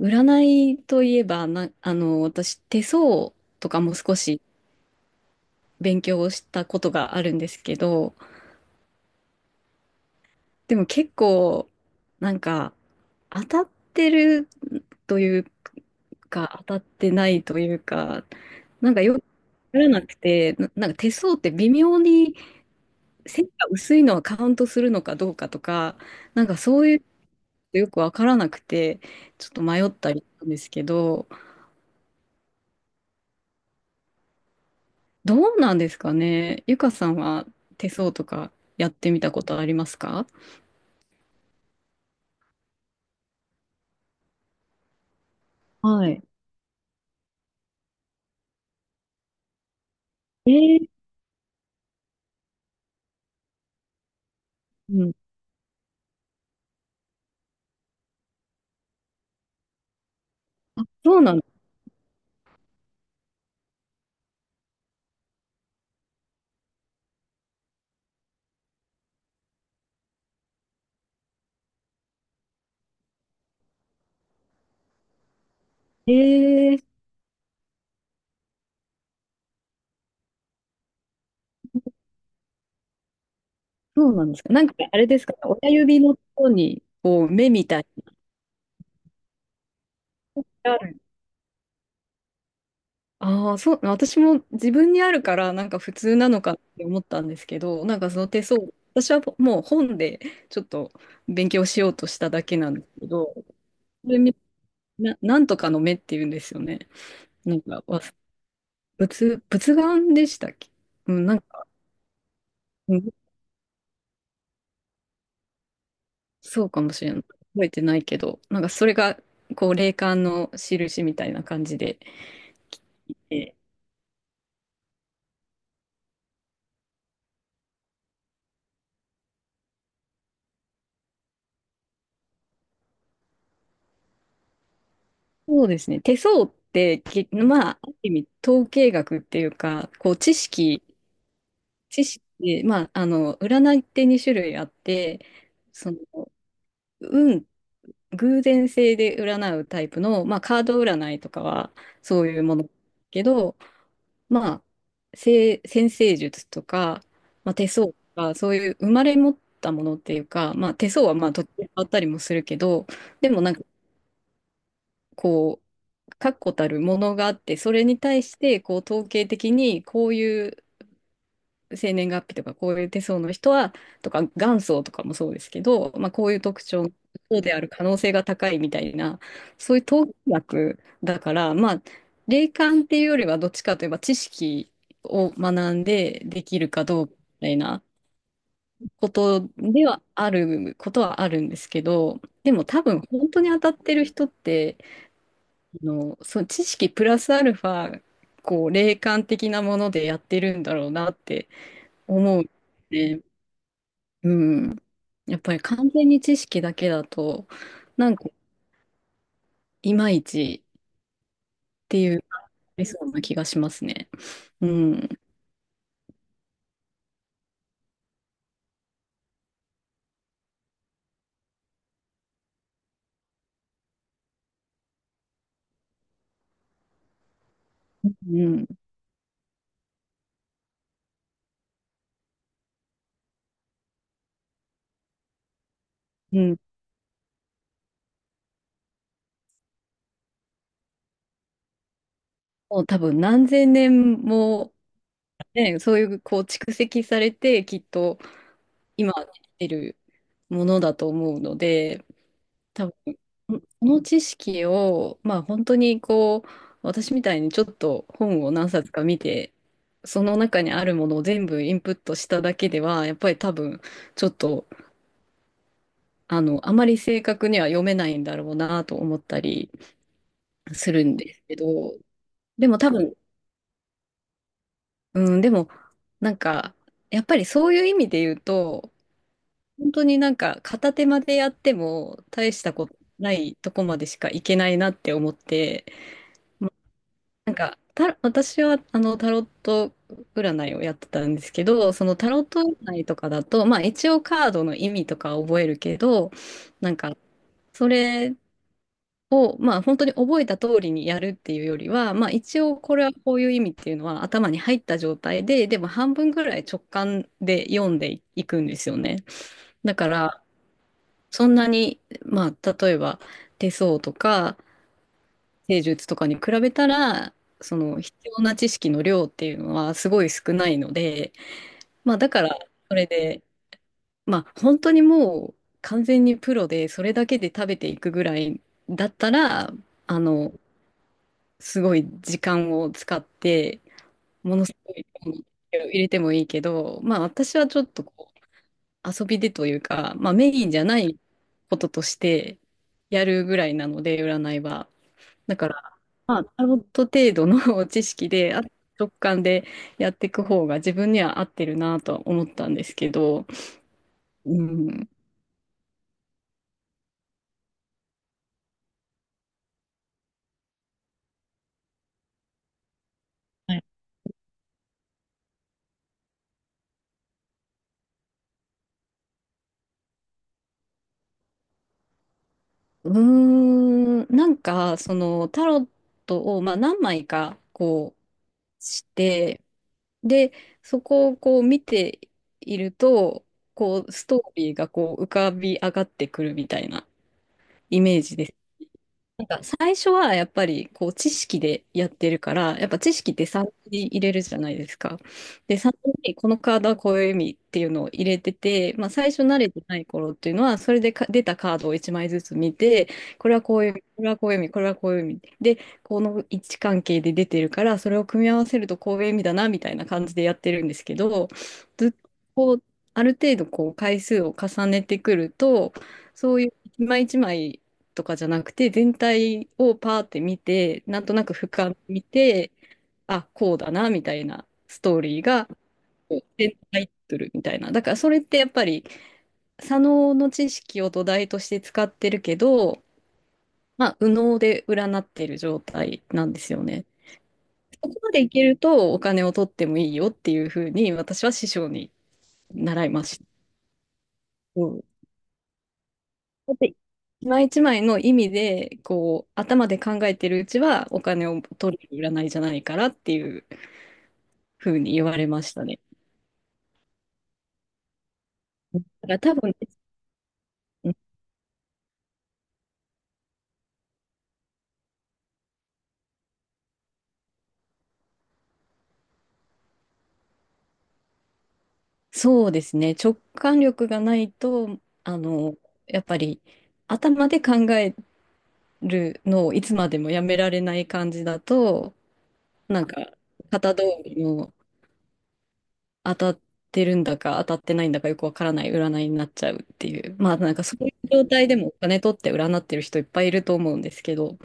占いといえば、な、あの、私、手相とかも少し勉強をしたことがあるんですけど、でも結構、なんか、当たってるというか、当たってないというか、なんかよくわからなくて、なんか手相って微妙に線が薄いのはカウントするのかどうかとか、なんかそういうのよくわからなくて、ちょっと迷ったりしたんですけど、どうなんですかね。ゆかさんは手相とかやってみたことありますか？はい。えー、うん。あ、そうなんだ。えー、そうなんですか。なんかあれですか。親指のところに、こう、目みたいな。ある。ああ、そう、私も自分にあるから、なんか普通なのかって思ったんですけど、なんかその手相、私はもう本でちょっと勉強しようとしただけなんですけど、それ、なんとかの目っていうんですよね。なんか忘仏眼でしたっけ。うん、なんか、うん、そうかもしれない。覚えてないけど、なんかそれが、こう、霊感の印みたいな感じで来て、そうですね。手相って、まあ、ある意味、統計学っていうか、こう、知識で、まあ、あの、占いって2種類あって、その、運、偶然性で占うタイプの、まあ、カード占いとかは、そういうものだけど、まあ、占星術とか、まあ、手相とか、そういう生まれ持ったものっていうか、まあ、手相はまあ途中で変わったりもするけど、でもなんかこう、確固たるものがあって、それに対してこう統計的にこういう生年月日とかこういう手相の人は、とか元祖とかもそうですけど、まあ、こういう特徴そうである可能性が高いみたいな、そういう統計学だから、まあ、霊感っていうよりはどっちかといえば知識を学んでできるかどうかみたいなことではあることはあるんですけど、でも多分本当に当たってる人って、あの、その知識プラスアルファ、こう霊感的なものでやってるんだろうなって思うね。うん。やっぱり完全に知識だけだと、なんか、いまいちっていう、ありそうな気がしますね。うん。うん。うん。もう多分何千年も、ね、そういう、こう、蓄積されて、きっと、今生きてるものだと思うので、多分、この知識を、まあ、本当に、こう、私みたいにちょっと本を何冊か見て、その中にあるものを全部インプットしただけでは、やっぱり多分、ちょっと、あの、あまり正確には読めないんだろうなと思ったりするんですけど、でも多分、うん、でも、なんか、やっぱりそういう意味で言うと、本当になんか片手間でやっても大したことないとこまでしかいけないなって思って、なんか、私はあのタロット占いをやってたんですけど、そのタロット占いとかだと、まあ一応カードの意味とかは覚えるけど、なんか、それを、まあ、本当に覚えた通りにやるっていうよりは、まあ、一応これはこういう意味っていうのは頭に入った状態で、でも半分ぐらい直感で読んでいくんですよね。だから、そんなに、まあ、例えば手相とか星術とかに比べたら、その必要な知識の量っていうのはすごい少ないので、まあ、だから、それで、まあ、本当にもう完全にプロでそれだけで食べていくぐらいだったら、あの、すごい時間を使って、ものすごい量の手を入れてもいいけど、まあ私はちょっとこう遊びでというか、まあメインじゃないこととしてやるぐらいなので、占いは。だから、まあタロット程度の 知識で、あ直感でやっていく方が自分には合ってるなとは思ったんですけど、うん、うーん、なんかそのタロットをまあ何枚かこうして、で、そこをこう見ていると、こう、ストーリーがこう浮かび上がってくるみたいなイメージです。なんか最初はやっぱりこう知識でやってるから、やっぱ知識ってサンプルに入れるじゃないですか。で、サンプルにこのカードはこういう意味っていうのを入れてて、まあ最初慣れてない頃っていうのは、それでか出たカードを1枚ずつ見て、これはこういう意味、これはこういう意味、これはこういう意味。で、この位置関係で出てるから、それを組み合わせるとこういう意味だなみたいな感じでやってるんですけど、ずっとこうある程度こう回数を重ねてくると、そういう一枚一枚とかじゃなくて、全体をパーって見て、なんとなく俯瞰見て、あ、こうだな、みたいなストーリーが、こう全タイトルみたいな。だからそれってやっぱり、左脳の知識を土台として使ってるけど、まあ、右脳で占ってる状態なんですよね。そこまでいけるとお金を取ってもいいよっていうふうに私は師匠に習いました。うん。だって、一枚一枚の意味で、こう、頭で考えてるうちは、お金を取る占いじゃないからっていうふうに言われましたね。だから多分、うん、そうですね、直感力がないと、あの、やっぱり、頭で考えるのをいつまでもやめられない感じだと、なんか、型通りの当たってるんだか当たってないんだかよくわからない占いになっちゃうっていう。まあなんかそういう状態でもお金取って占ってる人いっぱいいると思うんですけど、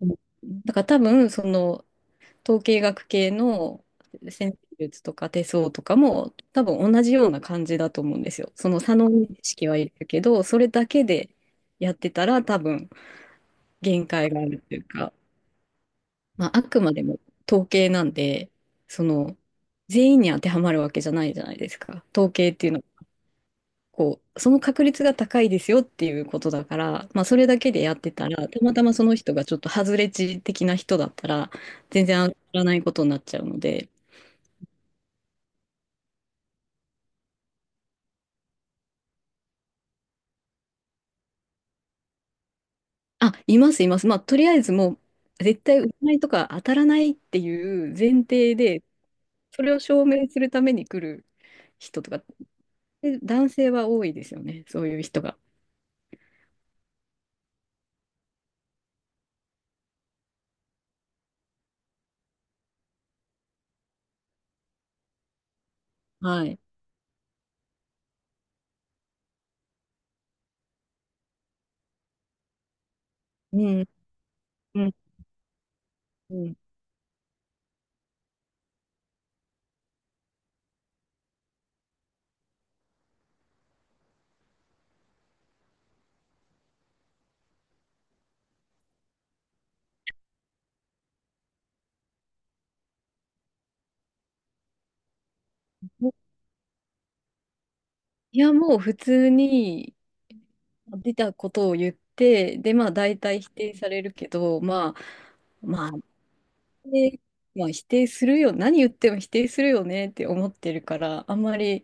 うん、だから多分その統計学系の占星術とか手相とかも多分同じような感じだと思うんですよ。その差の意識はいるけど、それだけでやってたら多分限界があるっていうか、まああくまでも統計なんで、その全員に当てはまるわけじゃないじゃないですか。統計っていうのはこう、その確率が高いですよっていうことだから、まあ、それだけでやってたら、たまたまその人がちょっと外れ値的な人だったら、全然上がらないことになっちゃうので、あ、います、います。まあ、とりあえずもう、絶対占いとか当たらないっていう前提で、それを証明するために来る人とか、で男性は多いですよね、そういう人が。はい。うん、うん、うん。いや、もう普通に出たことを言って、で、まあ大体否定されるけど、まあ、まあ、でまあ否定するよ、何言っても否定するよねって思ってるから、あんまり、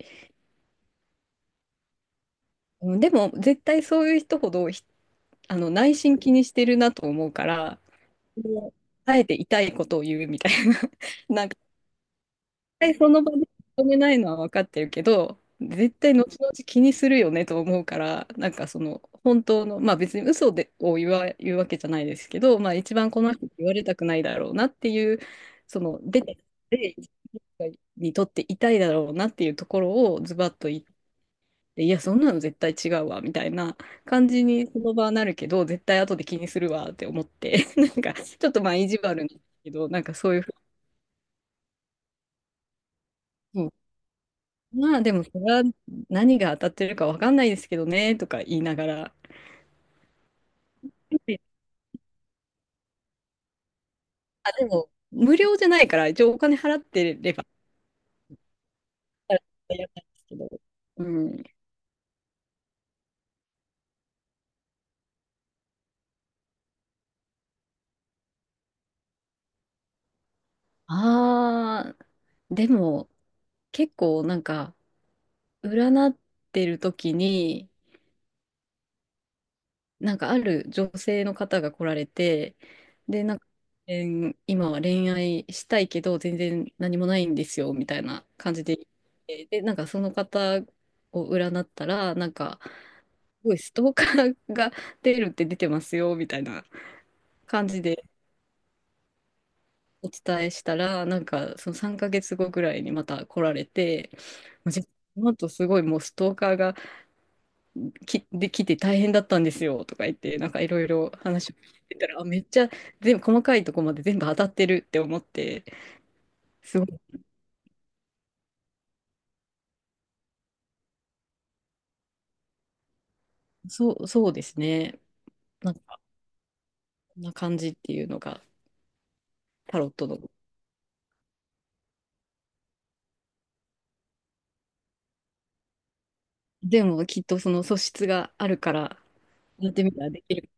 うん、でも絶対そういう人ほどあの内心気にしてるなと思うから、もうあえて痛いことを言うみたいな、なんか対その場で認めないのは分かってるけど、絶対後々気にするよねと思うから、なんかその本当の、まあ別に嘘でを言わ、言うわけじゃないですけど、まあ一番この人に言われたくないだろうなっていう、その出てきて、にとって痛いだろうなっていうところをズバッと言って、いや、そんなの絶対違うわみたいな感じにその場はなるけど、絶対後で気にするわって思って、なんかちょっとまあ意地悪なんですけど、なんかそういうふうにまあでも、それは何が当たってるかわかんないですけどね、とか言いながら。あ、でも、無料じゃないから、一応お金払ってれば、やったんですけど。うん。ああ、でも、結構なんか、占ってる時に、なんかある女性の方が来られて、で、なんか、えー今は恋愛したいけど、全然何もないんですよ、みたいな感じで、で、なんかその方を占ったら、なんか、すごいストーカーが出るって出てますよ、みたいな感じでお伝えしたら、なんかその3ヶ月後ぐらいにまた来られて、もう実この後すごいもうストーカーができて大変だったんですよとか言って、なんかいろいろ話を聞いてたら、あ、めっちゃ全部細かいとこまで全部当たってるって思って、すごい、そう、そうですね。なんか、こんな感じっていうのがタロットの。でもきっとその素質があるから、やってみたらできる。